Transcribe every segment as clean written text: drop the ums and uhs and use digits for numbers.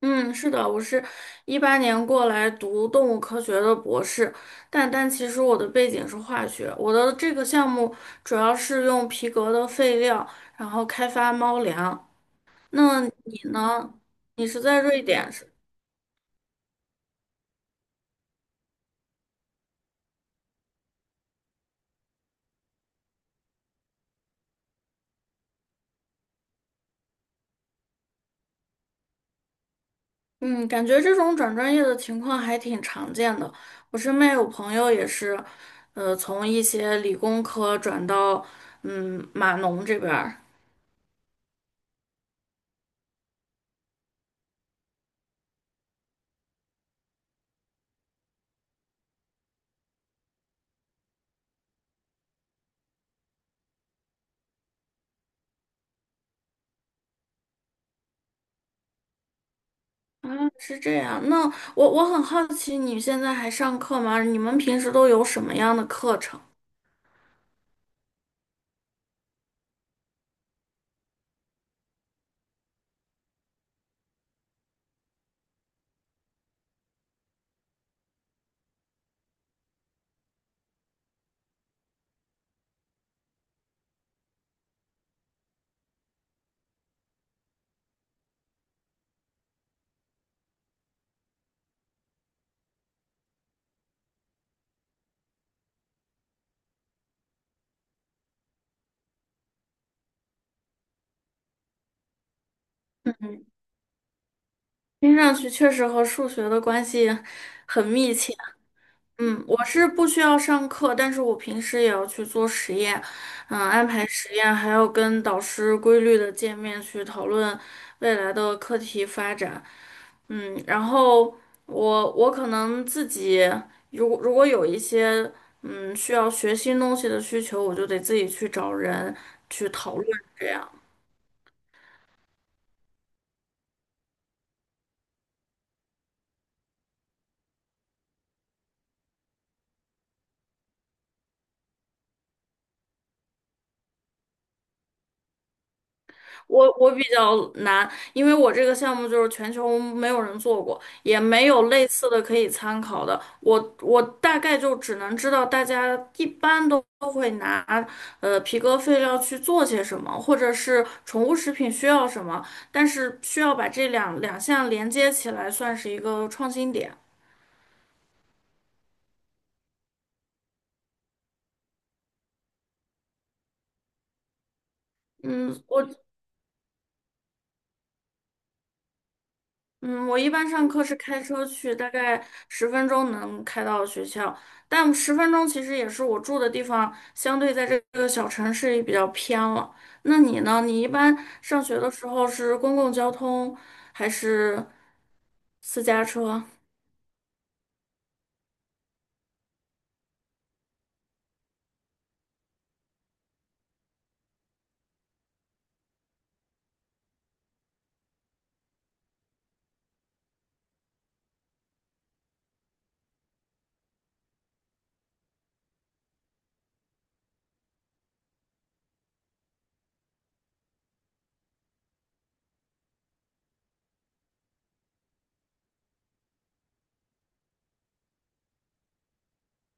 嗯，是的，我是2018年过来读动物科学的博士，但其实我的背景是化学，我的这个项目主要是用皮革的废料，然后开发猫粮。那你呢？你是在瑞典是？嗯，感觉这种转专业的情况还挺常见的。我身边有朋友也是，从一些理工科转到码农这边儿。啊，是这样。那我很好奇，你现在还上课吗？你们平时都有什么样的课程？嗯，听上去确实和数学的关系很密切。嗯，我是不需要上课，但是我平时也要去做实验，安排实验，还要跟导师规律的见面去讨论未来的课题发展，然后我可能自己如果有一些需要学新东西的需求，我就得自己去找人去讨论这样。我比较难，因为我这个项目就是全球没有人做过，也没有类似的可以参考的。我大概就只能知道大家一般都会拿皮革废料去做些什么，或者是宠物食品需要什么，但是需要把这两项连接起来，算是一个创新点。嗯，我嗯，我一般上课是开车去，大概十分钟能开到学校，但十分钟其实也是我住的地方，相对在这个小城市也比较偏了。那你呢？你一般上学的时候是公共交通还是私家车？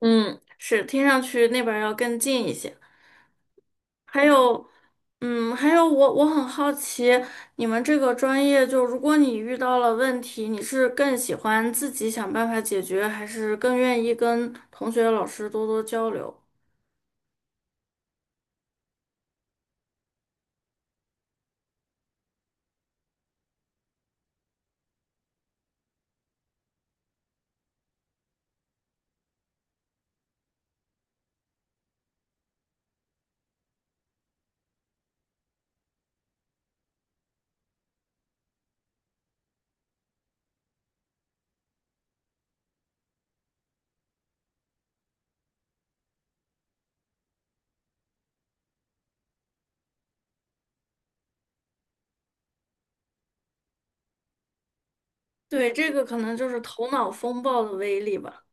嗯，是，听上去那边儿要更近一些。还有，还有我很好奇，你们这个专业，就如果你遇到了问题，你是更喜欢自己想办法解决，还是更愿意跟同学、老师多多交流？对，这个可能就是头脑风暴的威力吧。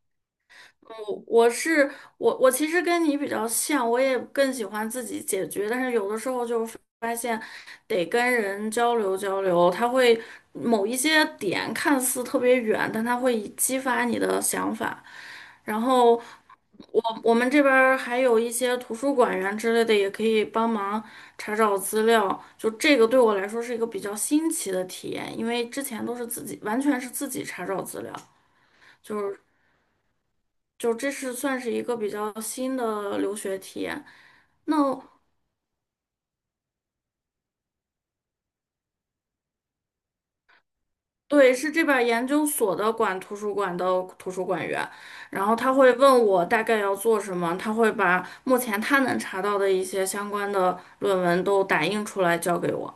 我我是我，我其实跟你比较像，我也更喜欢自己解决，但是有的时候就发现得跟人交流交流，他会某一些点看似特别远，但他会激发你的想法。然后我们这边儿还有一些图书馆员之类的，也可以帮忙查找资料。就这个对我来说是一个比较新奇的体验，因为之前都是自己，完全是自己查找资料，就是。就这是算是一个比较新的留学体验。那对，是这边儿研究所的管图书馆的图书馆员，然后他会问我大概要做什么，他会把目前他能查到的一些相关的论文都打印出来交给我。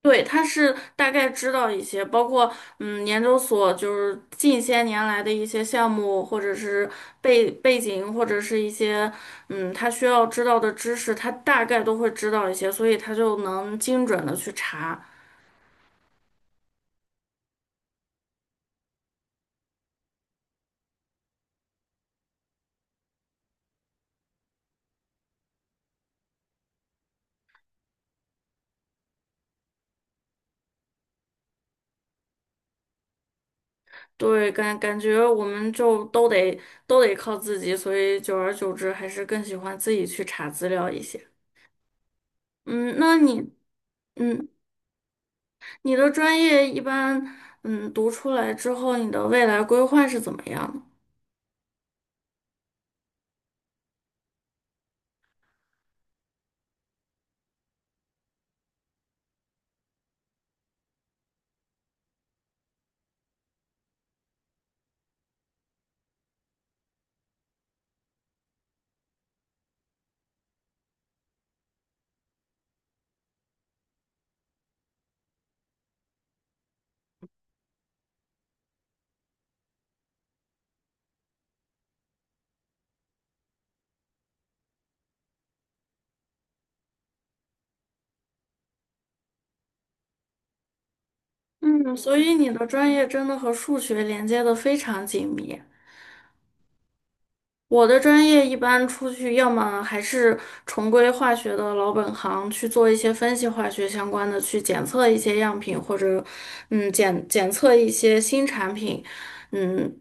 对，他是大概知道一些，包括研究所就是近些年来的一些项目，或者是背景，或者是一些他需要知道的知识，他大概都会知道一些，所以他就能精准的去查。对，感觉我们就都得靠自己，所以久而久之还是更喜欢自己去查资料一些。嗯，那你嗯，你的专业一般读出来之后，你的未来规划是怎么样的？嗯，所以你的专业真的和数学连接的非常紧密。我的专业一般出去，要么还是重归化学的老本行，去做一些分析化学相关的，去检测一些样品，或者检测一些新产品，嗯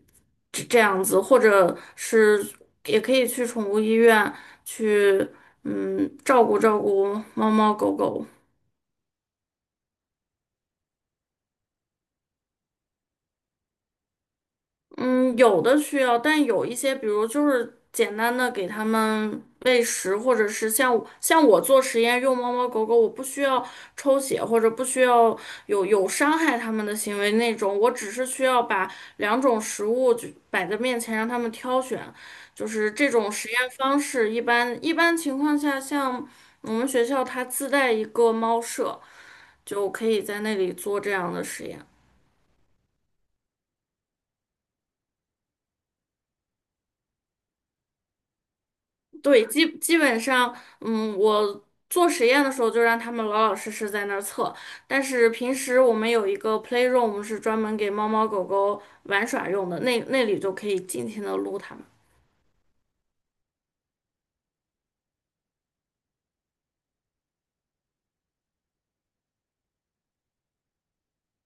这样子，或者是也可以去宠物医院去照顾照顾猫猫狗狗。嗯，有的需要，但有一些，比如就是简单的给它们喂食，或者是像我做实验用猫猫狗狗，我不需要抽血或者不需要有伤害它们的行为那种，我只是需要把两种食物就摆在面前让它们挑选，就是这种实验方式。一般情况下，像我们学校它自带一个猫舍，就可以在那里做这样的实验。对，基本上，嗯，我做实验的时候就让他们老老实实在那儿测，但是平时我们有一个 playroom 是专门给猫猫狗狗玩耍用的，那里就可以尽情的撸它们。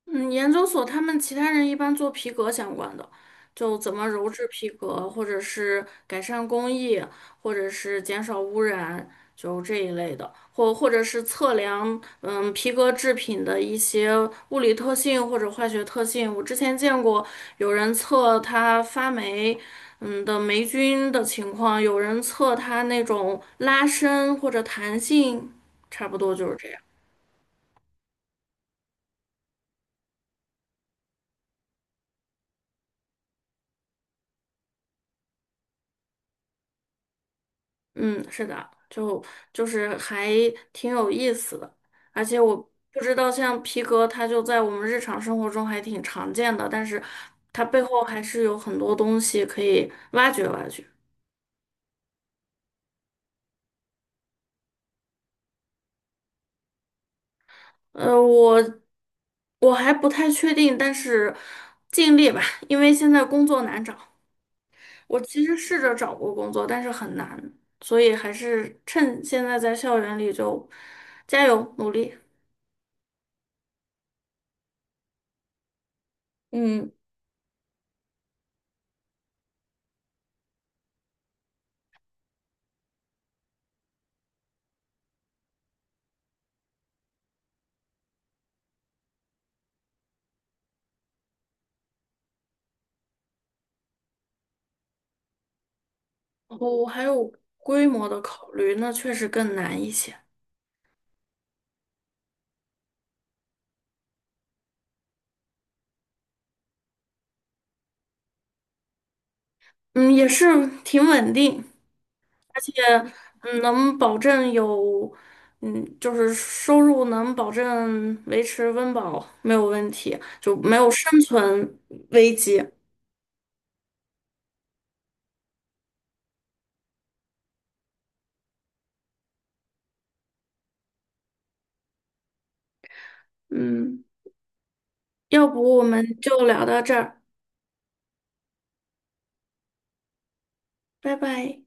嗯，研究所他们其他人一般做皮革相关的，就怎么鞣制皮革，或者是改善工艺，或者是减少污染，就这一类的，或者是测量皮革制品的一些物理特性或者化学特性。我之前见过有人测它发霉的霉菌的情况，有人测它那种拉伸或者弹性，差不多就是这样。嗯，是的，就是还挺有意思的，而且我不知道像皮革，它就在我们日常生活中还挺常见的，但是它背后还是有很多东西可以挖掘挖掘。呃，我我还不太确定，但是尽力吧，因为现在工作难找。我其实试着找过工作，但是很难，所以还是趁现在在校园里就加油努力。嗯。然后还有规模的考虑，那确实更难一些。嗯，也是挺稳定，而且能保证有，就是收入能保证维持温饱没有问题，就没有生存危机。嗯，要不我们就聊到这儿，拜拜。